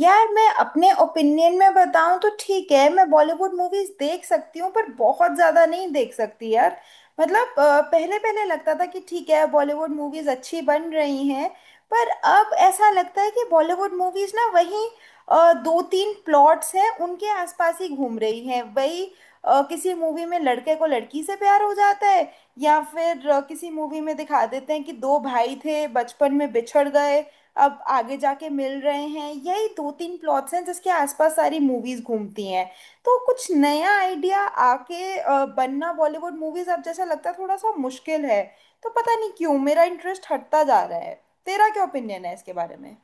यार मैं अपने ओपिनियन में बताऊं तो ठीक है। मैं बॉलीवुड मूवीज देख सकती हूँ पर बहुत ज्यादा नहीं देख सकती यार। मतलब पहले पहले लगता था कि ठीक है, बॉलीवुड मूवीज अच्छी बन रही हैं। पर अब ऐसा लगता है कि बॉलीवुड मूवीज ना वही दो तीन प्लॉट्स हैं, उनके आसपास ही घूम रही हैं। वही किसी मूवी में लड़के को लड़की से प्यार हो जाता है, या फिर किसी मूवी में दिखा देते हैं कि दो भाई थे, बचपन में बिछड़ गए, अब आगे जाके मिल रहे हैं। यही दो तीन प्लॉट्स हैं जिसके आसपास सारी मूवीज घूमती हैं। तो कुछ नया आइडिया आके बनना बॉलीवुड मूवीज अब, जैसा लगता है थोड़ा सा मुश्किल है। तो पता नहीं क्यों मेरा इंटरेस्ट हटता जा रहा है। तेरा क्या ओपिनियन है इसके बारे में?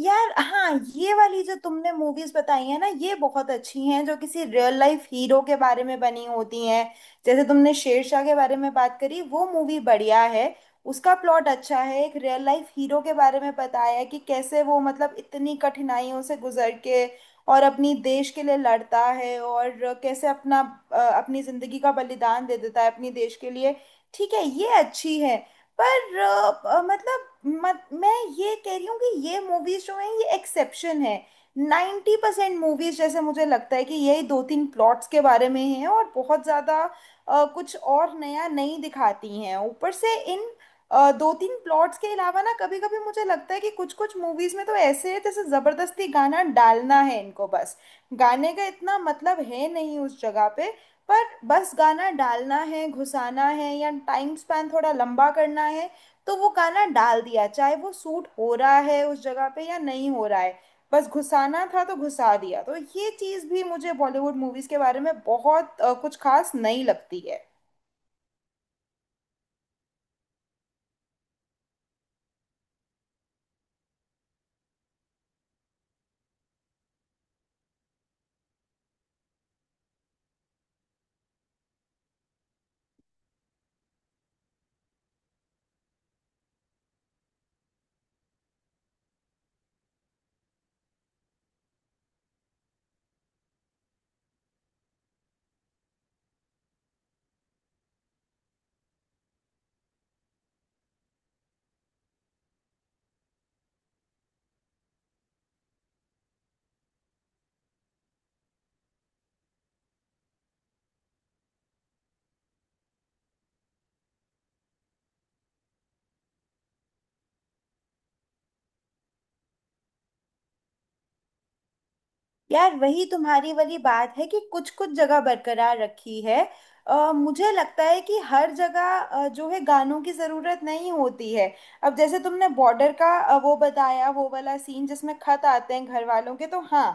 यार हाँ, ये वाली जो तुमने मूवीज बताई है ना, ये बहुत अच्छी हैं, जो किसी रियल लाइफ हीरो के बारे में बनी होती हैं। जैसे तुमने शेरशाह के बारे में बात करी, वो मूवी बढ़िया है। उसका प्लॉट अच्छा है, एक रियल लाइफ हीरो के बारे में बताया है कि कैसे वो मतलब इतनी कठिनाइयों से गुजर के और अपनी देश के लिए लड़ता है और कैसे अपना अ, अपनी जिंदगी का बलिदान दे देता है अपनी देश के लिए। ठीक है, ये अच्छी है। पर अ, मतलब मत, मैं ये कह रही हूँ कि ये मूवीज जो हैं ये एक्सेप्शन है। 90% मूवीज, जैसे मुझे लगता है कि यही दो तीन प्लॉट्स के बारे में हैं और बहुत ज़्यादा कुछ और नया नहीं दिखाती हैं। ऊपर से इन दो तीन प्लॉट्स के अलावा ना, कभी कभी मुझे लगता है कि कुछ कुछ मूवीज में तो ऐसे है जैसे ज़बरदस्ती गाना डालना है इनको। बस गाने का इतना मतलब है नहीं उस जगह पे, पर बस गाना डालना है, घुसाना है, या टाइम स्पैन थोड़ा लंबा करना है, तो वो गाना डाल दिया, चाहे वो सूट हो रहा है उस जगह पे या नहीं हो रहा है। बस घुसाना था तो घुसा दिया। तो ये चीज़ भी मुझे बॉलीवुड मूवीज़ के बारे में बहुत कुछ खास नहीं लगती है। यार वही तुम्हारी वाली बात है कि कुछ कुछ जगह बरकरार रखी है। मुझे लगता है कि हर जगह जो है गानों की ज़रूरत नहीं होती है। अब जैसे तुमने बॉर्डर का वो बताया, वो वाला सीन जिसमें खत आते हैं घर वालों के, तो हाँ,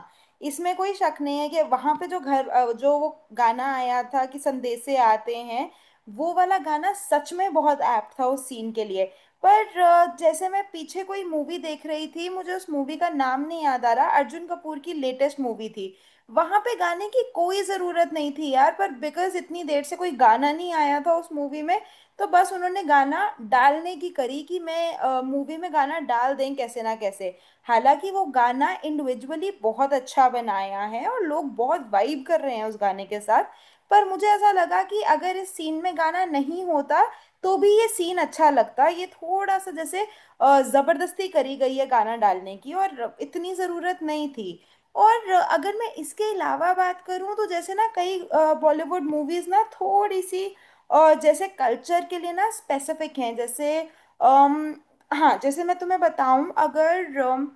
इसमें कोई शक नहीं है कि वहाँ पे जो घर जो वो गाना आया था कि संदेशे आते हैं, वो वाला गाना सच में बहुत ऐप्ट था उस सीन के लिए। पर जैसे मैं पीछे कोई मूवी देख रही थी, मुझे उस मूवी का नाम नहीं याद आ रहा, अर्जुन कपूर की लेटेस्ट मूवी थी। वहां पे गाने की कोई जरूरत नहीं थी यार, पर बिकॉज इतनी देर से कोई गाना नहीं आया था उस मूवी में, तो बस उन्होंने गाना डालने की करी कि मैं मूवी में गाना डाल दें कैसे ना कैसे। हालांकि वो गाना इंडिविजुअली बहुत अच्छा बनाया है और लोग बहुत वाइब कर रहे हैं उस गाने के साथ। पर मुझे ऐसा लगा कि अगर इस सीन में गाना नहीं होता तो भी ये सीन अच्छा लगता है। ये थोड़ा सा जैसे जबरदस्ती करी गई है गाना डालने की, और इतनी जरूरत नहीं थी। और अगर मैं इसके अलावा बात करूं तो जैसे ना, कई बॉलीवुड मूवीज ना थोड़ी सी जैसे कल्चर के लिए ना स्पेसिफिक हैं। जैसे अम, हाँ, जैसे मैं तुम्हें बताऊं, अगर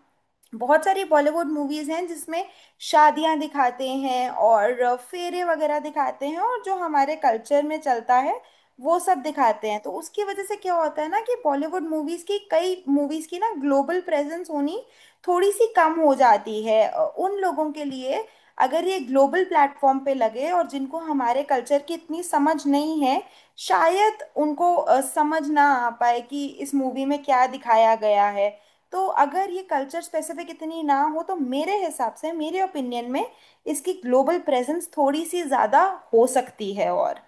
बहुत सारी बॉलीवुड मूवीज हैं जिसमें शादियां दिखाते हैं और फेरे वगैरह दिखाते हैं, और जो हमारे कल्चर में चलता है वो सब दिखाते हैं। तो उसकी वजह से क्या होता है ना कि बॉलीवुड मूवीज की, कई मूवीज की ना ग्लोबल प्रेजेंस होनी थोड़ी सी कम हो जाती है उन लोगों के लिए अगर ये ग्लोबल प्लेटफॉर्म पे लगे और जिनको हमारे कल्चर की इतनी समझ नहीं है। शायद उनको समझ ना आ पाए कि इस मूवी में क्या दिखाया गया है। तो अगर ये कल्चर स्पेसिफिक इतनी ना हो, तो मेरे हिसाब से, मेरे ओपिनियन में इसकी ग्लोबल प्रेजेंस थोड़ी सी ज़्यादा हो सकती है। और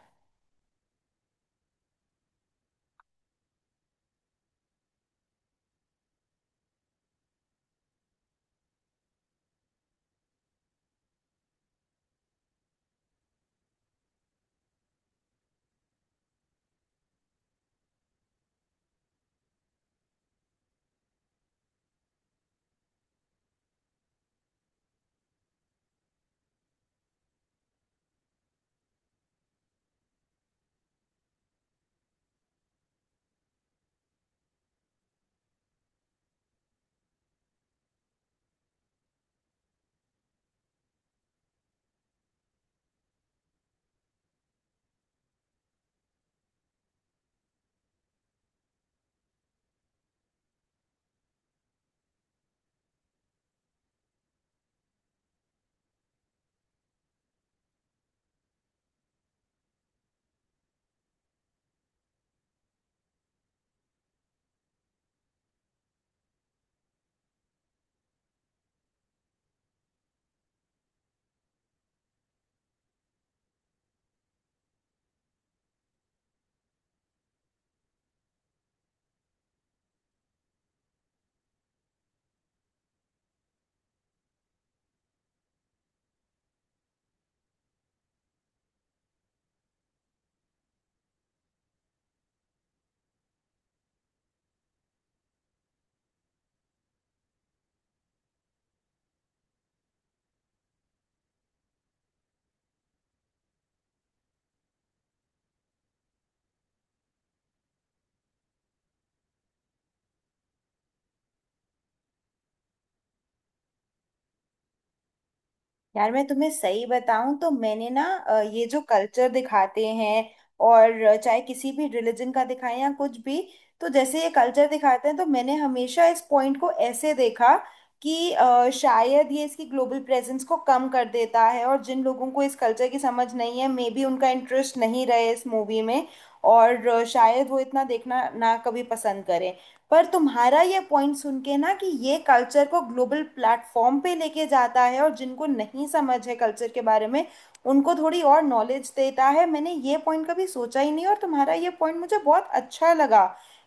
यार मैं तुम्हें सही बताऊं तो मैंने ना ये जो कल्चर दिखाते हैं और चाहे किसी भी रिलीजन का दिखाएं या कुछ भी, तो जैसे ये कल्चर दिखाते हैं, तो मैंने हमेशा इस पॉइंट को ऐसे देखा कि शायद ये इसकी ग्लोबल प्रेजेंस को कम कर देता है, और जिन लोगों को इस कल्चर की समझ नहीं है, मे बी उनका इंटरेस्ट नहीं रहे इस मूवी में, और शायद वो इतना देखना ना कभी पसंद करें। पर तुम्हारा ये पॉइंट सुन के ना कि ये कल्चर को ग्लोबल प्लेटफॉर्म पे लेके जाता है, और जिनको नहीं समझ है कल्चर के बारे में, उनको थोड़ी और नॉलेज देता है, मैंने ये पॉइंट कभी सोचा ही नहीं, और तुम्हारा ये पॉइंट मुझे बहुत अच्छा लगा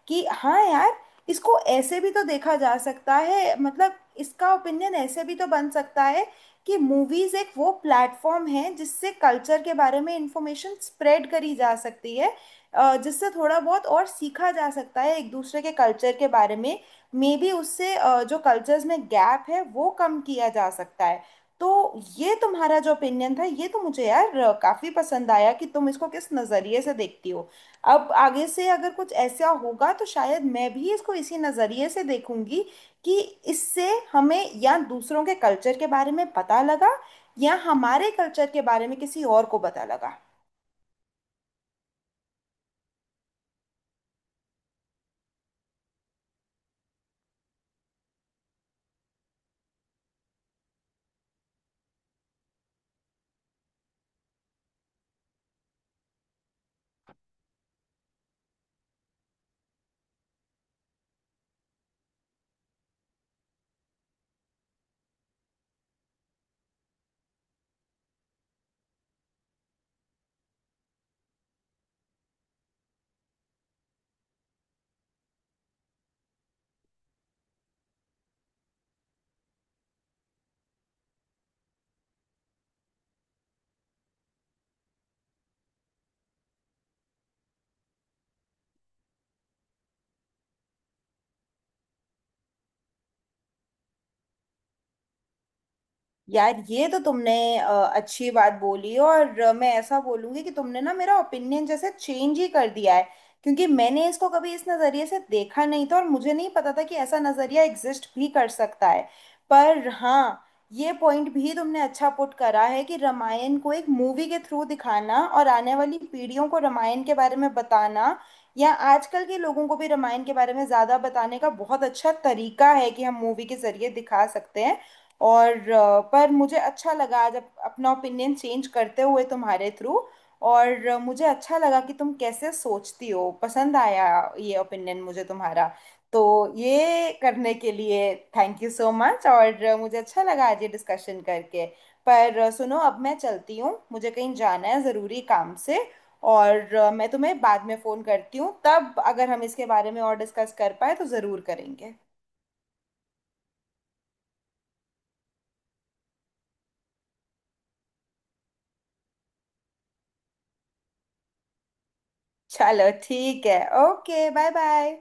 कि हाँ यार, इसको ऐसे भी तो देखा जा सकता है। मतलब इसका ओपिनियन ऐसे भी तो बन सकता है कि मूवीज एक वो प्लेटफॉर्म है जिससे कल्चर के बारे में इंफॉर्मेशन स्प्रेड करी जा सकती है, जिससे थोड़ा बहुत और सीखा जा सकता है एक दूसरे के कल्चर के बारे में। मे बी उससे जो कल्चर्स में गैप है वो कम किया जा सकता है। तो ये तुम्हारा जो ओपिनियन था, ये तो मुझे यार काफी पसंद आया कि तुम इसको किस नजरिए से देखती हो। अब आगे से अगर कुछ ऐसा होगा तो शायद मैं भी इसको इसी नजरिए से देखूंगी कि इससे हमें या दूसरों के कल्चर के बारे में पता लगा, या हमारे कल्चर के बारे में किसी और को पता लगा। यार ये तो तुमने अच्छी बात बोली, और मैं ऐसा बोलूंगी कि तुमने ना मेरा ओपिनियन जैसे चेंज ही कर दिया है, क्योंकि मैंने इसको कभी इस नज़रिए से देखा नहीं था और मुझे नहीं पता था कि ऐसा नज़रिया एग्जिस्ट भी कर सकता है। पर हाँ, ये पॉइंट भी तुमने अच्छा पुट करा है कि रामायण को एक मूवी के थ्रू दिखाना और आने वाली पीढ़ियों को रामायण के बारे में बताना, या आजकल के लोगों को भी रामायण के बारे में ज़्यादा बताने का बहुत अच्छा तरीका है कि हम मूवी के ज़रिए दिखा सकते हैं। और पर मुझे अच्छा लगा आज अपना ओपिनियन चेंज करते हुए तुम्हारे थ्रू, और मुझे अच्छा लगा कि तुम कैसे सोचती हो, पसंद आया ये ओपिनियन मुझे तुम्हारा। तो ये करने के लिए थैंक यू सो मच, और मुझे अच्छा लगा आज ये डिस्कशन करके। पर सुनो, अब मैं चलती हूँ, मुझे कहीं जाना है ज़रूरी काम से, और मैं तुम्हें बाद में फ़ोन करती हूँ, तब अगर हम इसके बारे में और डिस्कस कर पाए तो ज़रूर करेंगे। चलो ठीक है, ओके, बाय बाय।